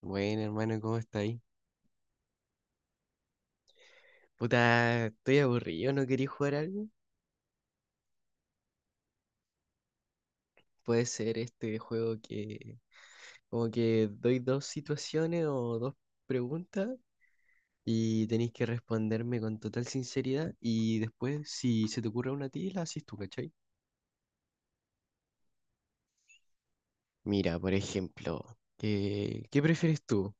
Bueno, hermano, ¿cómo está ahí? Puta, estoy aburrido, ¿no quería jugar algo? Puede ser este juego que como que doy dos situaciones o dos preguntas y tenéis que responderme con total sinceridad y después si se te ocurre una a ti, la haces tú, ¿cachai? Mira, por ejemplo, ¿qué prefieres tú?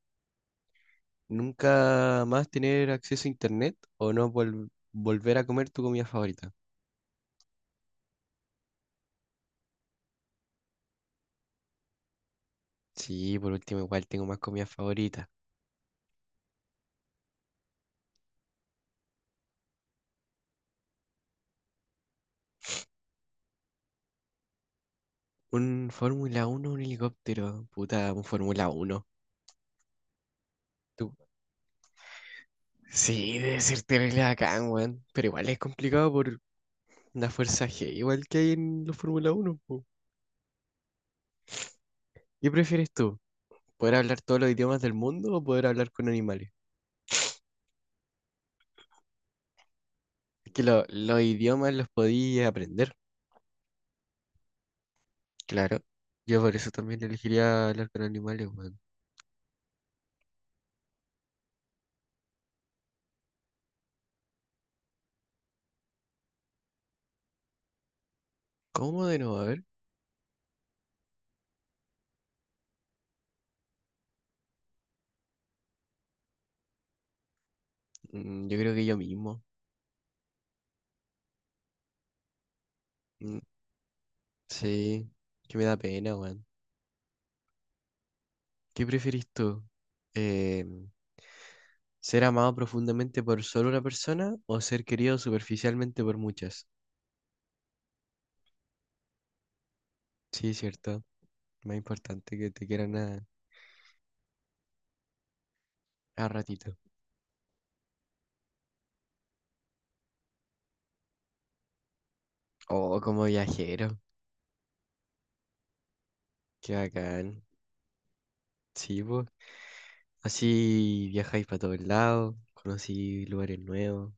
¿Nunca más tener acceso a internet o no volver a comer tu comida favorita? Sí, por último, igual tengo más comida favorita. Un Fórmula uno un helicóptero. Puta, un Fórmula uno. Tú- Sí, debe ser terrible bacán, weón. Pero igual es complicado por la fuerza G, igual que hay en los Fórmula uno po. ¿Qué prefieres tú? ¿Poder hablar todos los idiomas del mundo o poder hablar con animales? Es que los idiomas los podía aprender, claro. Yo por eso también elegiría hablar con animales, weón. ¿Cómo de nuevo? A ver. Yo creo que yo mismo. Mm, sí, que me da pena, weón. ¿Qué prefieres tú? Em, ¿Ser amado profundamente por solo una persona o ser querido superficialmente por muchas? Sí, cierto. Más importante que te quieran a ratito. Oh, como viajero. Qué bacán. Sí, pues. Así viajáis para todos lados. Conocí lugares nuevos.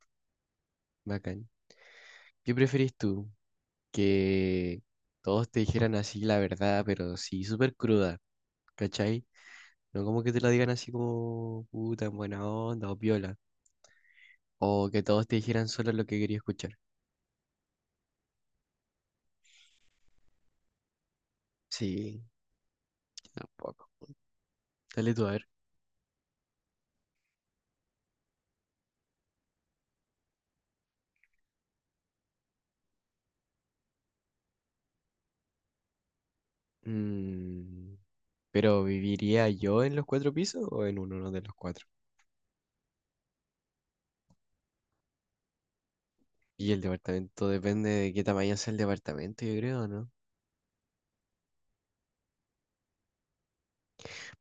Bacán. ¿Qué preferís tú? Que todos te dijeran así la verdad, pero sí, súper cruda. ¿Cachai? No como que te lo digan así como puta, en buena onda o piola. O que todos te dijeran solo lo que quería escuchar. Sí, tampoco. Dale tú a ver. Mm, pero ¿viviría yo en los cuatro pisos o en uno de los cuatro? Y el departamento depende de qué tamaño sea el departamento, yo creo, ¿no?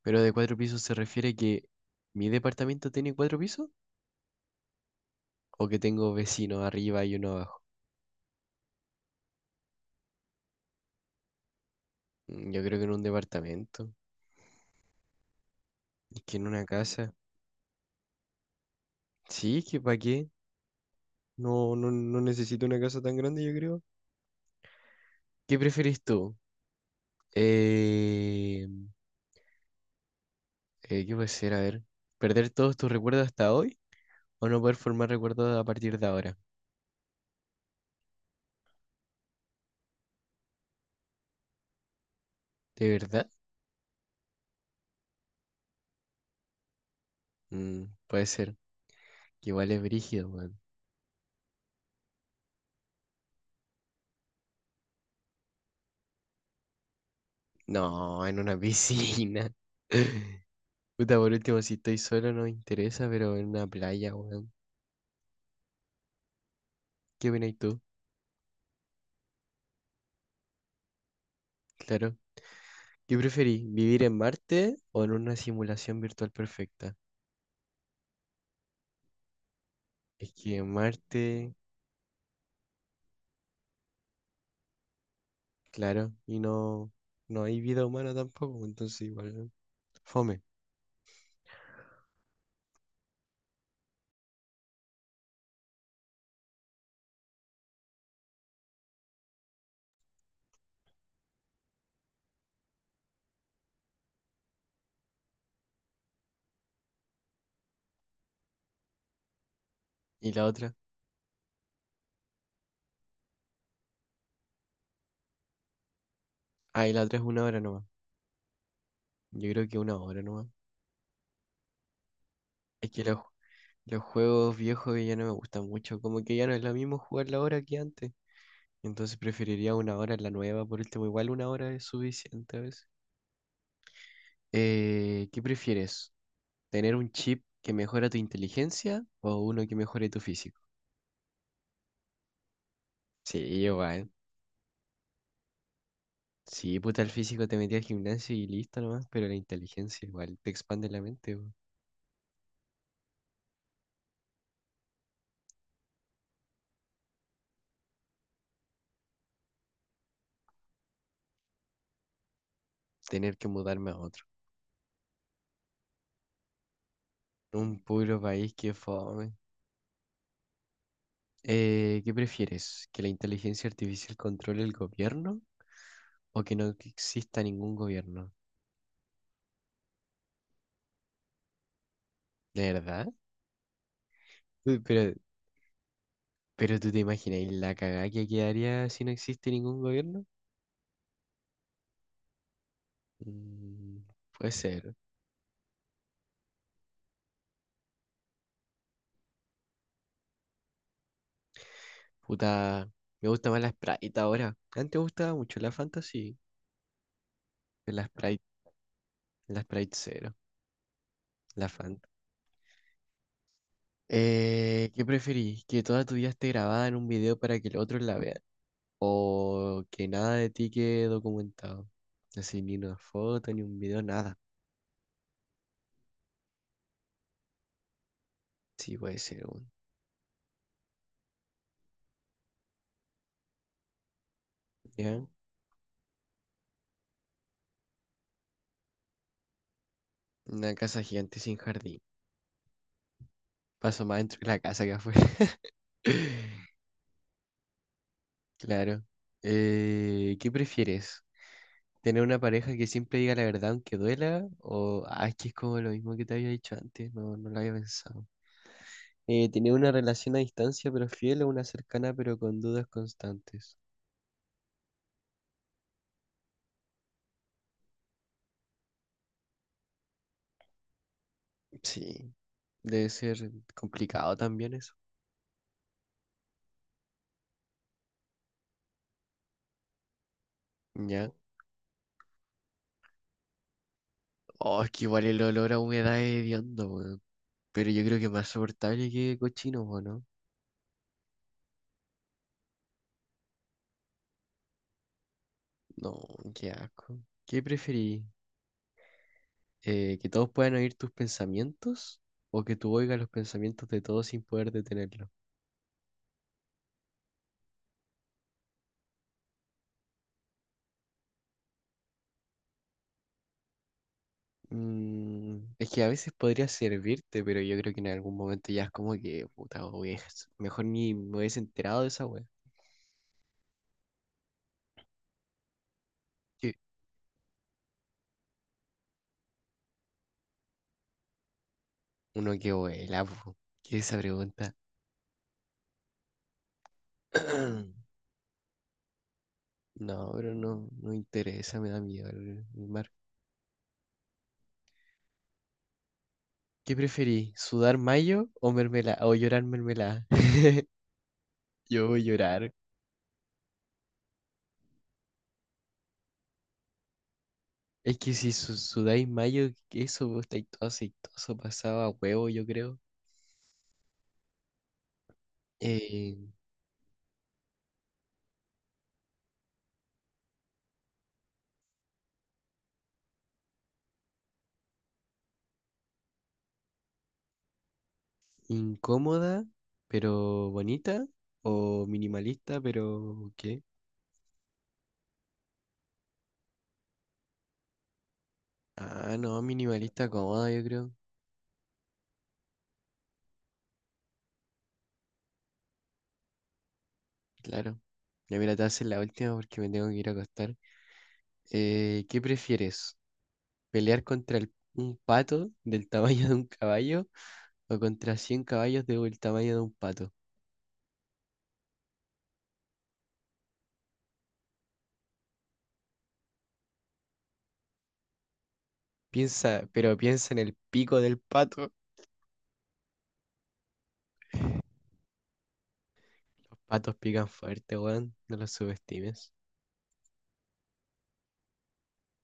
Pero de cuatro pisos se refiere que mi departamento tiene cuatro pisos o que tengo vecinos arriba y uno abajo. Yo creo que en un departamento. Es que en una casa. Sí, es que ¿para qué? No, no, no necesito una casa tan grande, yo creo. ¿Qué prefieres tú? Eh, ¿Qué puede ser? A ver. ¿Perder todos tus recuerdos hasta hoy? ¿O no poder formar recuerdos a partir de ahora? ¿De verdad? Puede ser. Que igual es brígido, weón. No, en una piscina. Puta, por último, si estoy solo no me interesa, pero en una playa, weón. ¿Qué opinas tú? Claro. ¿Qué preferís? ¿Vivir en Marte o en una simulación virtual perfecta? Es que en Marte, claro, y no, no hay vida humana tampoco, entonces igual, fome. ¿Y la otra? Ah, y la otra es una hora nomás. Yo creo que una hora nomás. Es que los juegos viejos ya no me gustan mucho, como que ya no es lo mismo jugarla ahora que antes. Entonces preferiría una hora en la nueva, por último, igual una hora es suficiente a veces. ¿Qué prefieres? ¿Tener un chip que mejora tu inteligencia o uno que mejore tu físico? Sí, igual. Sí, puta, el físico te metí al gimnasio y listo nomás, pero la inteligencia igual te expande la mente, weón. Tener que mudarme a otro. Un puro país que fome. ¿Qué prefieres? ¿Que la inteligencia artificial controle el gobierno o que no exista ningún gobierno? ¿De verdad? Uy, pero ¿tú te imaginas la cagada que quedaría si no existe ningún gobierno? Mm, Puede ser. Puta, me gusta más la Sprite ahora. Antes me gustaba mucho la Fanta, sí. Pero la Sprite, la Sprite cero, la Fanta. ¿Qué preferís? ¿Que toda tu vida esté grabada en un video para que los otros la vean? ¿O que nada de ti quede documentado? Así, ni una foto, ni un video, nada. Sí, puede ser, weón. ¿Ya? Una casa gigante sin jardín. Paso más dentro de la casa que afuera. Claro. ¿Qué prefieres? ¿Tener una pareja que siempre diga la verdad aunque duela? ¿O, ah, es que es como lo mismo que te había dicho antes? No, no lo había pensado. ¿Tener una relación a distancia pero fiel o una cercana pero con dudas constantes? Sí, debe ser complicado también eso. Ya. Oh, es que igual el olor a humedad es hediondo, weón. Pero yo creo que es más soportable que cochino, ¿o no? No, qué asco. ¿Qué preferí? ¿Que todos puedan oír tus pensamientos o que tú oigas los pensamientos de todos sin poder detenerlos? Es que a veces podría servirte, pero yo creo que en algún momento ya es como que, puta, wey, mejor ni me hubiese enterado de esa wea. Que Uno que vuela, po. ¿Qué es esa pregunta? No, pero no, no interesa, me da miedo el mar. ¿Qué preferí? ¿Sudar mayo o mermelada? ¿O llorar mermelada? Yo voy a llorar. Es que si sudáis mayo, eso, vos estáis todo aceitoso, pasaba huevo, yo creo. Eh, incómoda, pero bonita. O minimalista, pero ¿qué? Ah, no, minimalista cómoda, yo creo. Claro. Ya mira, te haces la última porque me tengo que ir a acostar. ¿Qué prefieres? ¿Pelear contra un pato del tamaño de un caballo o contra 100 caballos del tamaño de un pato? Piensa, pero piensa en el pico del pato. Los patos pican fuerte, weón. No los subestimes.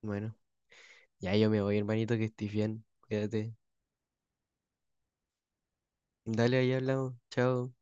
Bueno, ya yo me voy, hermanito, que estés bien. Cuídate. Dale, ahí hablamos. Chao.